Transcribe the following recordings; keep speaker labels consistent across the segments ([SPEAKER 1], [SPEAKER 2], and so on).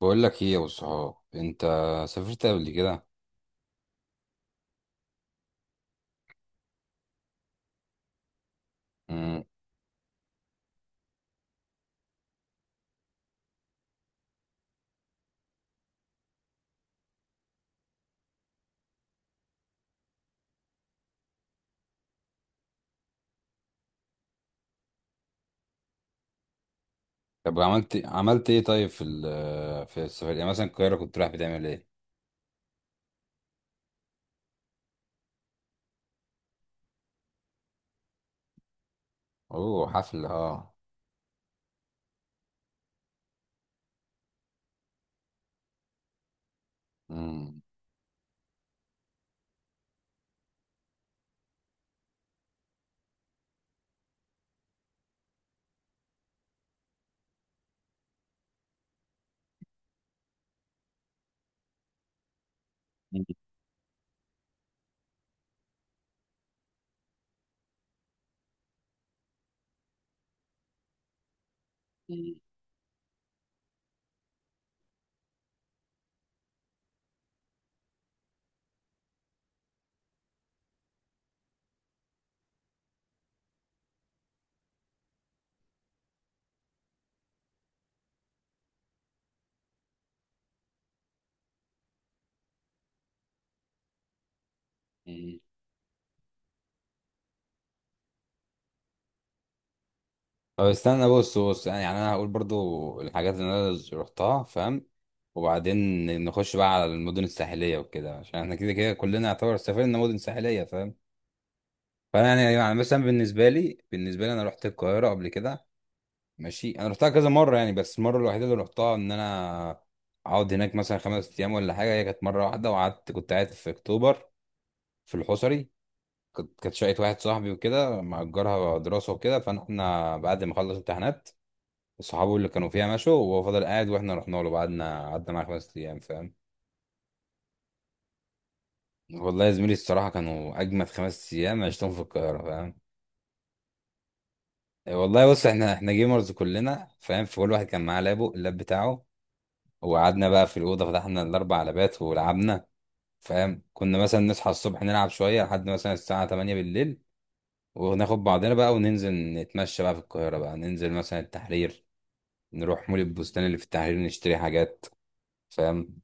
[SPEAKER 1] بقول لك ايه يا ابو الصحاب؟ انت سافرت قبل كده؟ امم. طب عملت ايه؟ طيب في السفر، يعني مثلا القاهره، كنت رايح بتعمل ايه؟ اوه، حفل، اه. امم. طب استنى، بص بص. يعني انا هقول برضو الحاجات اللي انا رحتها، فاهم؟ وبعدين نخش بقى على المدن الساحليه وكده، عشان احنا كده كده كلنا يعتبر سافرنا مدن ساحليه، فاهم؟ فانا يعني مثلا، بالنسبه لي، انا رحت القاهره قبل كده. ماشي، انا رحتها كذا مره يعني، بس المره الوحيده اللي رحتها ان انا اقعد هناك مثلا 5 ايام ولا حاجه، هي كانت مره واحده، وقعدت، كنت قاعد في اكتوبر، في الحصري. كانت شقه واحد صاحبي وكده، مأجرها دراسه وكده، فاحنا بعد ما خلص امتحانات صحابه اللي كانوا فيها مشوا، وهو فضل قاعد، واحنا رحنا له، قعدنا معاه 5 ايام، فاهم؟ والله يا زميلي الصراحه كانوا اجمد 5 ايام عشتهم في القاهره، فاهم؟ والله بص، احنا جيمرز كلنا، فاهم؟ فكل واحد كان معاه اللاب بتاعه. وقعدنا بقى في الأوضة، فتحنا الأربع لبات ولعبنا. فاهم؟ كنا مثلا نصحى الصبح، نلعب شوية لحد مثلا الساعة 8 بالليل، وناخد بعضنا بقى وننزل نتمشى بقى في القاهرة بقى، ننزل مثلا التحرير، نروح مول البستان اللي في التحرير، نشتري حاجات، فاهم؟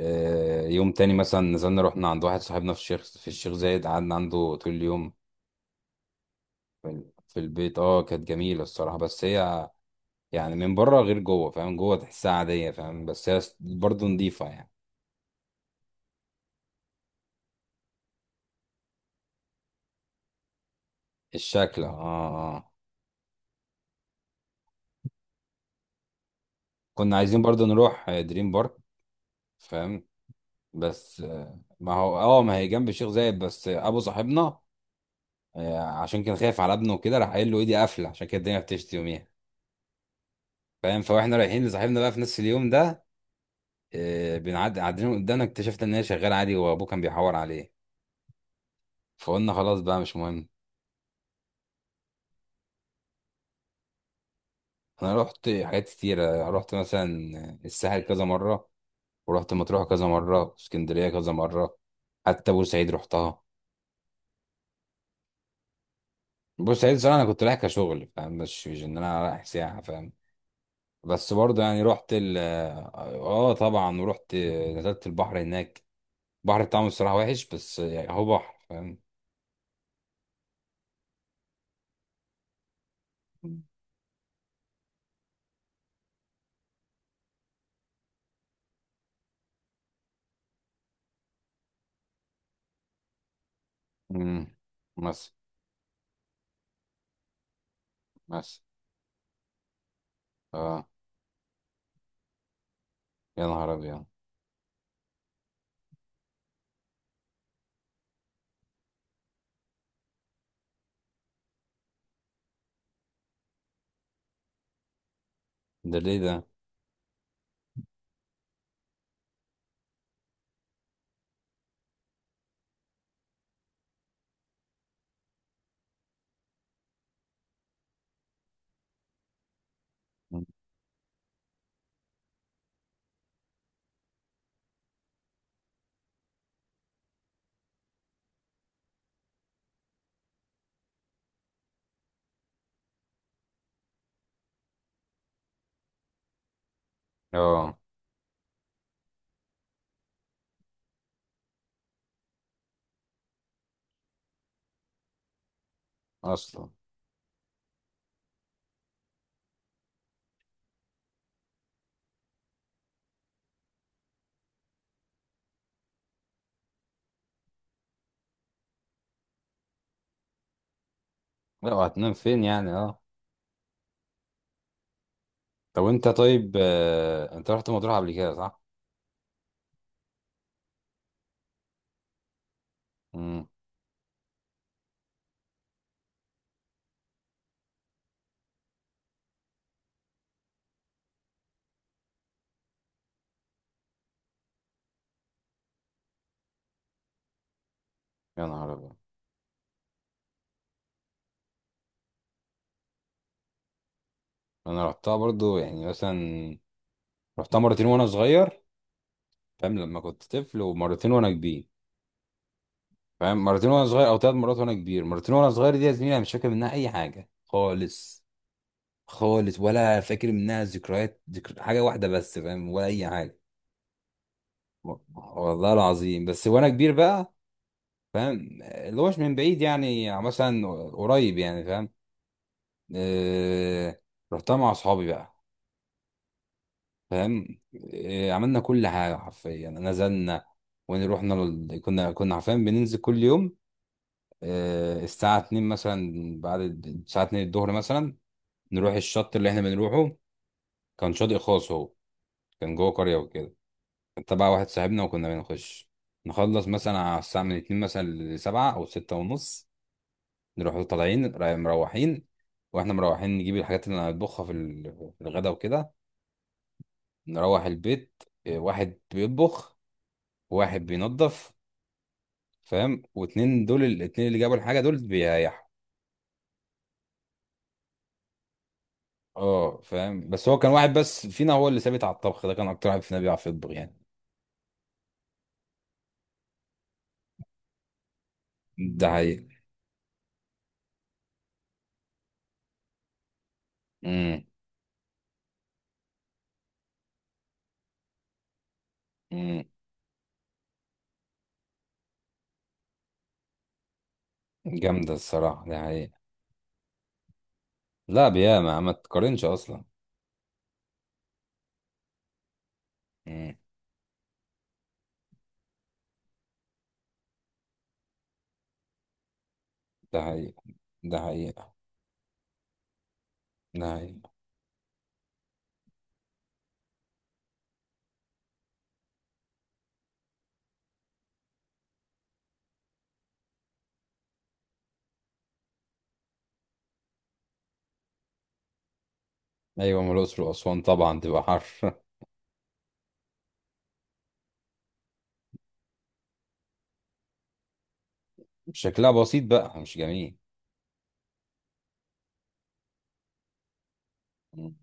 [SPEAKER 1] يوم تاني مثلا نزلنا، رحنا عند واحد صاحبنا في الشيخ زايد، قعدنا عنده طول اليوم، في البيت. اه كانت جميلة الصراحة، بس هي يعني من بره غير جوه، فاهم؟ جوه تحسها عادية، فاهم؟ بس هي برضه نضيفة يعني، الشكل. اه، اه، آه. كنا عايزين برضه نروح دريم بارك، فاهم؟ بس ما هو، ما هي جنب الشيخ زايد، بس ابو صاحبنا عشان كان خايف على ابنه وكده، راح قايل له ايدي قافله، عشان كده الدنيا بتشتي يوميها، فاهم؟ فاحنا رايحين لصاحبنا بقى في نفس اليوم ده، بنعدي قاعدين قدامنا، اكتشفت ان هي شغاله عادي، وابوه كان بيحور عليه. فقلنا خلاص بقى، مش مهم. انا رحت حاجات كتيره، رحت مثلا الساحل كذا مره، ورحت مطروح كذا مره، اسكندريه كذا مره، حتى بورسعيد رحتها. بص، عيد الصراحة أنا كنت رايح كشغل، فاهم؟ مش إن أنا رايح سياحة، فاهم؟ بس برضه يعني رحت ال آه آه، طبعا، ورحت نزلت البحر هناك. البحر بتاعهم الصراحة وحش، بس يعني هو بحر، فاهم؟ امم. مصر. مصر. آه. يا نهار أبيض! ده ليه ده؟ مم. آه، أصلا. لا، وهتنام فين يعني؟ آه. طب أنت، طيب، أنت رحت مطروح قبل كده صح؟ امم. يا نهار أبيض. أنا رحتها برضه يعني، مثلا رحتها مرتين وأنا صغير، فاهم؟ لما كنت طفل، ومرتين وانا كبير، فاهم؟ مرتين وانا صغير او 3 مرات وانا كبير. مرتين وانا صغير دي، يا زميلي، انا مش فاكر منها اي حاجه خالص، خالص، ولا فاكر منها ذكر حاجه واحده بس، فاهم؟ ولا اي حاجه. والله العظيم. بس وانا كبير بقى، فاهم؟ اللي هوش من بعيد يعني، مثلا قريب يعني، فاهم؟ آه... رحتها مع اصحابي بقى، فاهم؟ عملنا كل حاجه حرفيا، نزلنا. كنا حرفيا بننزل كل يوم الساعة 2 مثلا، بعد الساعة 2 الظهر مثلا، نروح الشط اللي احنا بنروحه. كان شاطئ خاص هو، كان جوه قرية وكده، كان تبع واحد صاحبنا، وكنا بنخش نخلص مثلا على الساعة من 2 مثلا لسبعة أو ستة ونص، نروح طالعين، مروحين. واحنا مروحين نجيب الحاجات اللي هنطبخها في الغدا وكده، نروح البيت. واحد بيطبخ، وواحد بينظف، فاهم؟ واتنين دول، الاتنين اللي جابوا الحاجة دول، بيريحوا. اه، فاهم، بس هو كان واحد بس فينا هو اللي ثابت على الطبخ ده، كان اكتر واحد فينا بيعرف يطبخ يعني. ده حقيقي. امم. امم. جامده الصراحه، ده حقيقي. لا، بياما، ما تقارنش اصلا. امم. ده حقيقي. ده حقيقي. ده حقيقي. ايوه، ما الاقصر واسوان طبعا تبقى حر. شكلها بسيط بقى، مش جميل. امم.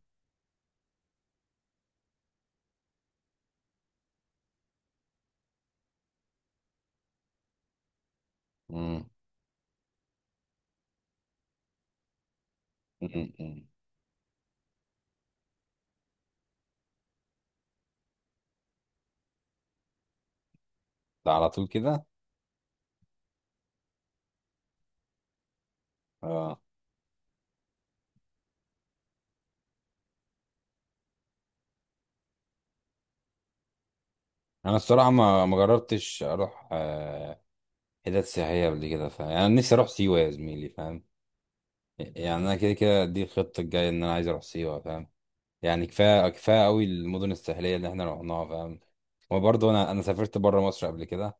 [SPEAKER 1] امم. أمم، أمم. ده على طول كده. اه. انا الصراحه ما جربتش اروح حتت سياحيه قبل كده، فاهم؟ يعني أنا نفسي اروح سيوه، يا زميلي، فاهم؟ يعني انا كده كده دي الخطه الجايه، ان انا عايز اروح سيوه، فاهم؟ يعني كفايه كفايه قوي المدن الساحليه اللي احنا رحناها، فاهم؟ وبرضه انا سافرت بره مصر قبل كده،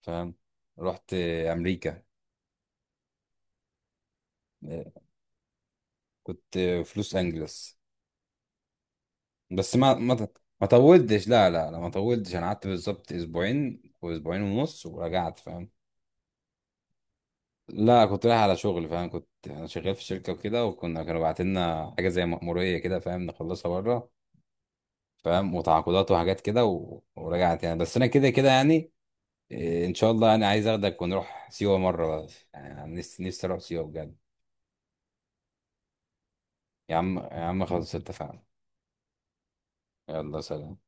[SPEAKER 1] فاهم؟ رحت امريكا. كنت في لوس انجلس. بس ما طولتش. لا، لا، لا، ما طولتش، انا قعدت بالظبط اسبوعين، واسبوعين ونص، ورجعت، فاهم؟ لا، كنت رايح على شغل، فاهم؟ كنت انا شغال في شركه وكده، كانوا باعتين لنا حاجه زي مأموريه كده، فاهم، نخلصها بره، فاهم؟ وتعاقدات وحاجات كده ورجعت يعني، بس انا كده كده يعني، إيه، ان شاء الله انا عايز اخدك ونروح سيوه مره. يعني أنا نفسي نفسي اروح سيوه بجد. يا عم، يا عم، خلاص اتفقنا. يلا، سلام.